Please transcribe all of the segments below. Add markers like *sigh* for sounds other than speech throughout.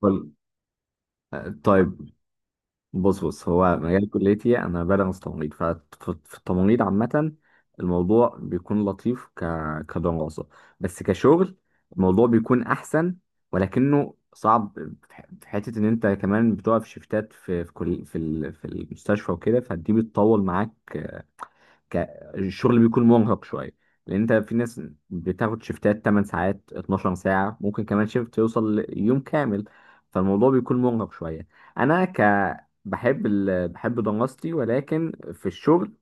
طيب طيب، بص هو مجال كليتي، انا بدرس تمريض. ففي التمريض عامة، الموضوع بيكون لطيف كدراسة، بس كشغل الموضوع بيكون احسن، ولكنه صعب. في حتة ان انت كمان بتقف شيفتات في في المستشفى وكده، فدي بتطول معاك. ك... الشغل بيكون مرهق شويه، لان انت في ناس بتاخد شيفتات 8 ساعات 12 ساعه، ممكن كمان شيفت يوصل ليوم كامل. فالموضوع بيكون مرهق شويه. انا ك بحب دراستي، ولكن في الشغل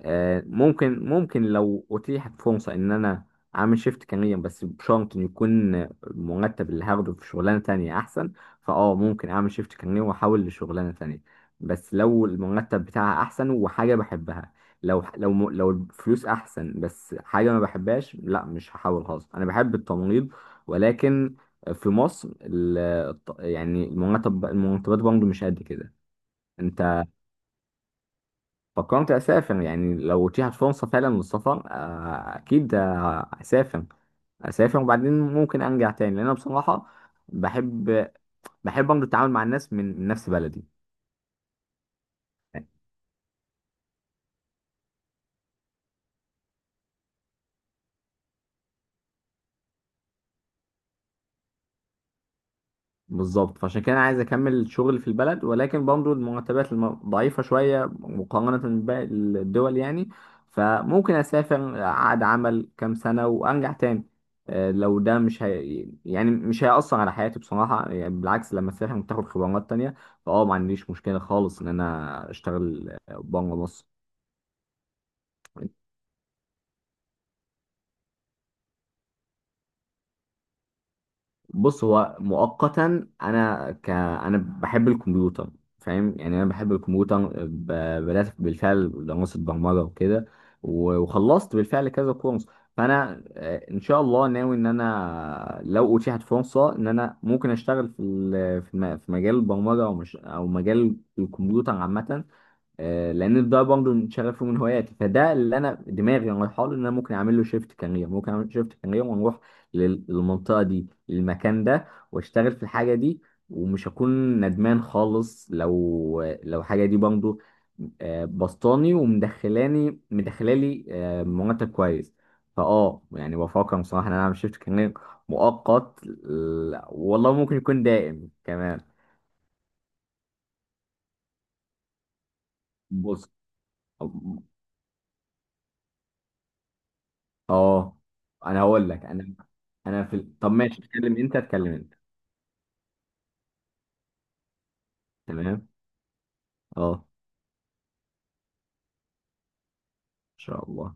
ممكن لو اتيحت فرصه ان انا اعمل شيفت كارير، بس بشرط ان يكون المرتب اللي هاخده في شغلانه تانية احسن. فاه ممكن اعمل شيفت كارير واحاول لشغلانه تانية، بس لو المرتب بتاعها احسن وحاجه بحبها. لو لو الفلوس احسن بس حاجه ما بحبهاش، لا مش هحاول خالص، انا بحب التمريض. ولكن في مصر يعني المرتبات برضه مش قد كده. انت فكرت اسافر يعني؟ لو اتيحت فرصه فعلا للسفر، اكيد، اسافر. اسافر وبعدين ممكن ارجع تاني، لان انا بصراحه بحب بحب برضه التعامل مع الناس من نفس بلدي. بالظبط، فعشان كده انا عايز اكمل شغلي في البلد، ولكن برضه المرتبات ضعيفه شويه مقارنه بباقي الدول يعني. فممكن اسافر اقعد عمل كام سنه وارجع تاني. لو ده مش هي... يعني مش هيأثر على حياتي بصراحه، يعني بالعكس لما اسافر بتاخد خبرات تانية. فاه ما عنديش مشكله خالص ان انا اشتغل بره مصر. بص، هو مؤقتا انا بحب الكمبيوتر. فاهم، يعني انا بحب الكمبيوتر، بدات بالفعل دراسه برمجه وكده. وخلصت بالفعل كذا كورس. فانا ان شاء الله ناوي ان انا لو اتيحت فرصه ان انا ممكن اشتغل في مجال البرمجه، او مش او مجال الكمبيوتر عامه. لان ده برضه من شغفي ومن هواياتي. فده اللي انا دماغي رايحه له، ان انا ممكن اعمل له شيفت كارير، ونروح للمنطقه دي، للمكان ده، واشتغل في الحاجه دي. ومش هكون ندمان خالص لو الحاجه دي برضه بسطاني، ومدخلاني مدخلالي مرتب كويس. فاه يعني بفكر بصراحه ان انا اعمل شيفت كارير مؤقت. لا، والله ممكن يكون دائم كمان. بص، اه انا هقول لك. طب ماشي، اتكلم انت اتكلم انت. تمام. اه، ان شاء الله.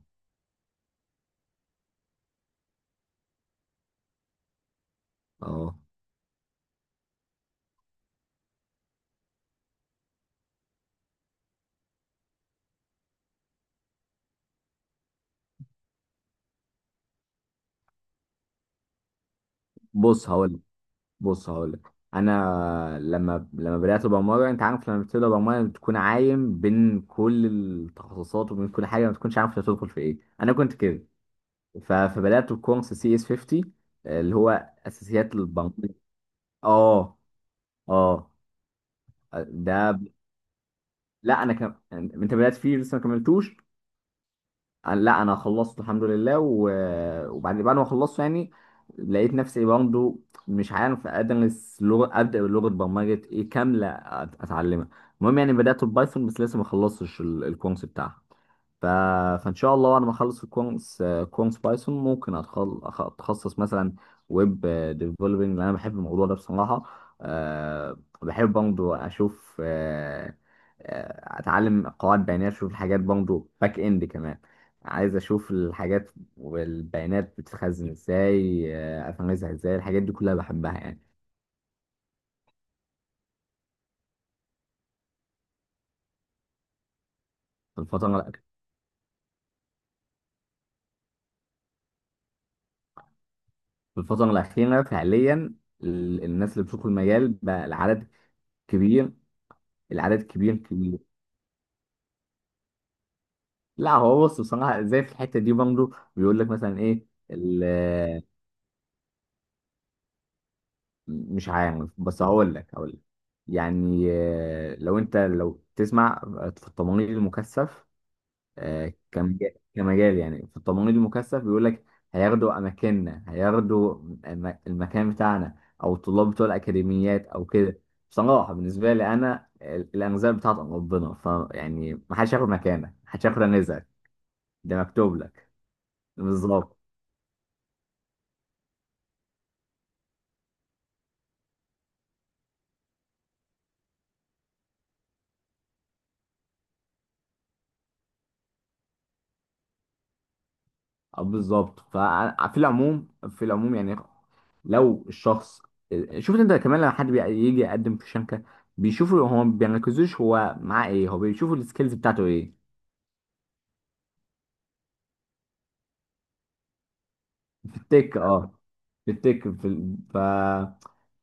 اه، بص هقول لك. بص هقول لك انا لما بدات البرمجه. انت عارف، لما بتبدا برمجه بتكون عايم بين كل التخصصات وبين كل حاجه، ما تكونش عارف انت هتدخل في ايه. انا كنت كده. فبدات بكورس سي اس 50، اللي هو اساسيات البرمجه. اه، اه، ده. لا، انا انت بدات فيه لسه ما كملتوش. لا، انا خلصت الحمد لله. وبعد ما خلصت يعني، لقيت نفسي برضه مش عارف، ادرس لغه ابدا بلغه برمجه ايه كامله اتعلمها. المهم، يعني بدات ببايثون بس لسه ما خلصتش الكورس بتاعها. ف... فان شاء الله وانا ما اخلص الكورس، كورس بايثون، ممكن اتخصص مثلا ويب ديفلوبينج، لان انا بحب الموضوع ده بصراحه. بحب برضو اشوف اتعلم قواعد بيانات، اشوف الحاجات برضو، باك اند كمان. عايز اشوف الحاجات والبيانات بتتخزن ازاي، افهمها ازاي. الحاجات دي كلها بحبها يعني. في الفتره في الفتره الاخيره فعليا الناس اللي بتدخل المجال بقى، العدد كبير. العدد كبير كبير. لا، هو بص، بصراحة زي في الحتة دي برضه. بيقول لك مثلا ايه ال- آه، مش عارف، بس هقول لك. يعني لو انت، لو تسمع في التمريض المكثف، كمجال، يعني في التمريض المكثف بيقول لك هياخدوا اماكننا، المكان بتاعنا، او الطلاب بتوع الاكاديميات او كده. بصراحة، بالنسبة لي انا الانزال بتاعت ربنا. فيعني ما حدش ياخد مكانك، ما حدش ياخد رزقك، ده مكتوب لك. بالظبط، بالظبط. ففي العموم في العموم يعني لو الشخص، شفت انت كمان لما حد يجي يقدم في شنكه، بيشوفوا، هو ما بيركزوش هو معاه ايه، هو بيشوفوا السكيلز بتاعته ايه. في التك، اه. في التك،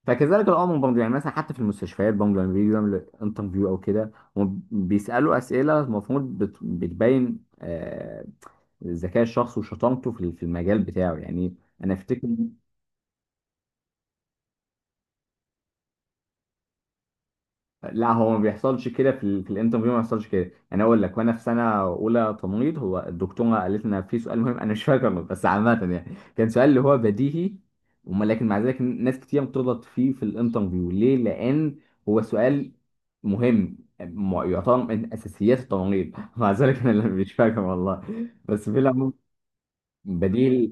فكذلك الامر برضه يعني. مثلا حتى في المستشفيات برضه، لما بيجوا يعملوا انترفيو او كده، هم بيسالوا اسئله المفروض بتبين ذكاء الشخص وشطارته في المجال بتاعه يعني. انا افتكر، لا هو ما بيحصلش كده في الانترفيو ما بيحصلش كده. انا اقول لك، وانا في سنه اولى تمريض، هو الدكتوره قالت لنا في سؤال مهم، انا مش فاكره بس عامه يعني، كان سؤال اللي هو بديهي، وما لكن مع ذلك ناس كتير بتغلط فيه في الانترفيو. ليه؟ لان هو سؤال مهم، يعتبر من اساسيات التمريض *laughs* مع ذلك انا اللي مش فاكر والله. بس في العموم، بديهي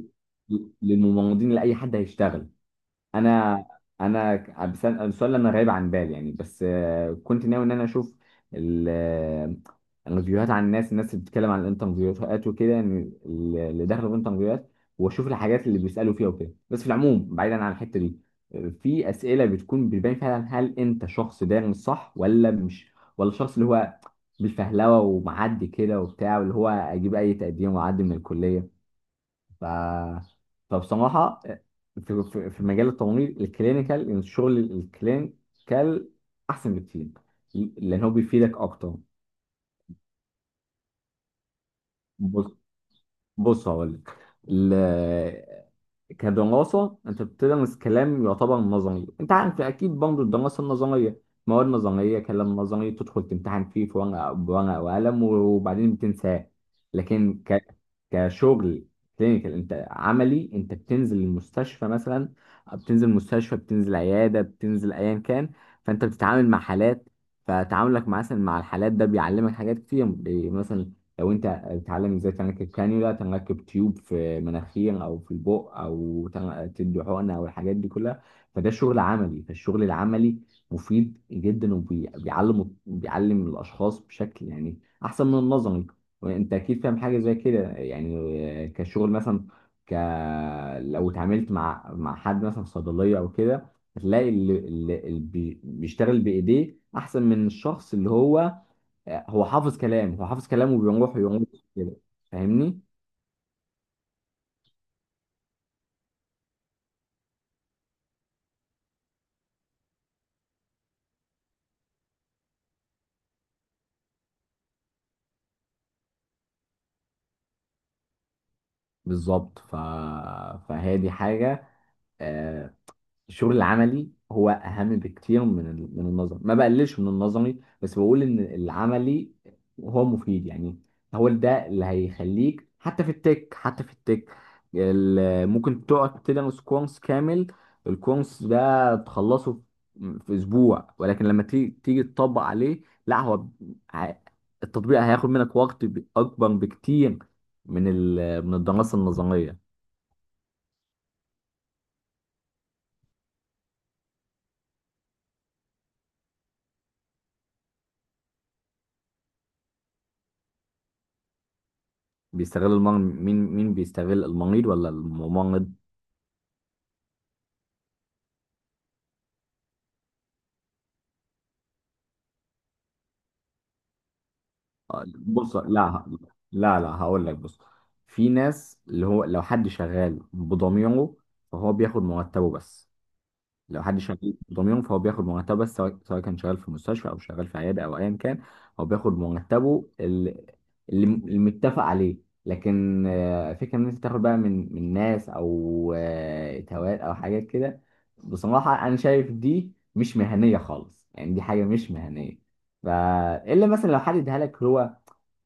للممرضين، لاي حد هيشتغل. انا انا بسأل السؤال، انا غايب عن بالي يعني، بس كنت ناوي ان انا اشوف ال- آه، الفيديوهات عن الناس، اللي بتتكلم عن الانترفيوهات وكده يعني، اللي داخله في الانترفيوهات، واشوف الحاجات اللي بيسالوا فيها وكده. بس في العموم، بعيدا عن الحته دي، في اسئله بتكون بتبين فعلا هل انت شخص دارس صح، ولا مش، ولا الشخص اللي هو بالفهلوه ومعدي كده وبتاع، واللي هو اجيب اي تقدير واعدي من الكليه. ف... فبصراحة في مجال التمريض الكلينيكال، الشغل الكلينيكال أحسن بكتير، لأن هو بيفيدك أكتر. بص، هقول لك، كدراسة أنت بتدرس كلام يعتبر نظري. أنت عارف أكيد برضه، الدراسة النظرية مواد نظرية، كلام نظري، تدخل تمتحن فيه في ورقة بورقة وقلم وبعدين بتنساه. لكن كشغل كلينيكال، أنت عملي، أنت بتنزل المستشفى مثلا، بتنزل مستشفى، بتنزل عيادة، بتنزل أيا كان. فأنت بتتعامل مع حالات. فتعاملك مثلا مع الحالات ده بيعلمك حاجات كتير، مثلا لو أنت تتعلم ازاي تنكب كانيولا، تنكب تيوب في مناخير او في البق، او تدي حقنه، او الحاجات دي كلها. فده شغل عملي. فالشغل العملي مفيد جدا وبيعلم، الاشخاص بشكل يعني احسن من النظري. وانت اكيد فاهم حاجه زي كده يعني. كشغل مثلا، ك لو اتعاملت مع حد مثلا في صيدليه او كده، هتلاقي اللي بيشتغل بايديه احسن من الشخص اللي هو، هو حافظ كلام. هو حافظ كلام وبيروح يقول كده، فاهمني. بالظبط. فهي دي حاجة. آه، الشغل العملي هو اهم بكتير من النظري. ما بقللش من النظري، بس بقول ان العملي هو مفيد يعني. هو ده اللي هيخليك حتى في التك، حتى في التك. ممكن تقعد تدرس كورس كامل، الكورس ده تخلصه في اسبوع، ولكن لما تيجي، تطبق عليه، لا هو التطبيق هياخد منك وقت اكبر بكتير من الدراسة النظرية. بيستغل المرض مين؟ مين بيستغل المريض ولا الممرض؟ بص، لا لا لا، هقول لك. بص، في ناس اللي هو لو حد شغال بضميره فهو بياخد مرتبه بس. لو حد شغال بضميره فهو بياخد مرتبه بس، سواء كان شغال في مستشفى او شغال في عياده او ايا كان. هو بياخد مرتبه اللي المتفق عليه. لكن فكره ان انت تاخد بقى من ناس، او توات او حاجات كده، بصراحه انا شايف دي مش مهنيه خالص يعني، دي حاجه مش مهنيه. فالا مثلا لو حد اديها لك، هو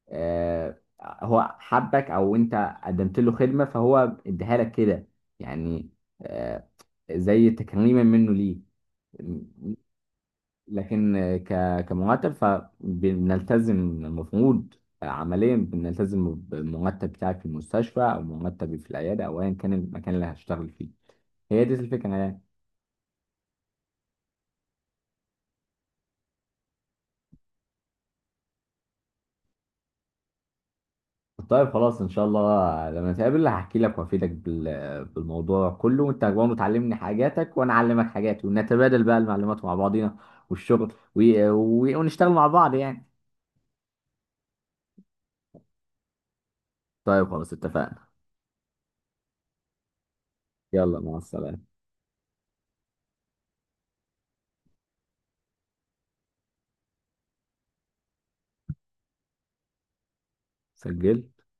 هو حبك، او انت قدمت له خدمه فهو اديها لك كده يعني، آه، زي تكريما منه ليه. لكن كمرتب فبنلتزم، المفروض عمليا بنلتزم بالمرتب بتاعك في المستشفى، او مرتبي في العياده، او ايا كان المكان اللي هشتغل فيه. هي دي الفكره يعني. طيب خلاص، ان شاء الله لما نتقابل هحكي لك وافيدك بالموضوع كله، وانت برضه تعلمني حاجاتك وانا اعلمك حاجاتي ونتبادل بقى المعلومات مع بعضينا، والشغل ونشتغل مع بعض يعني. طيب خلاص اتفقنا. يلا مع السلامة. سجلت.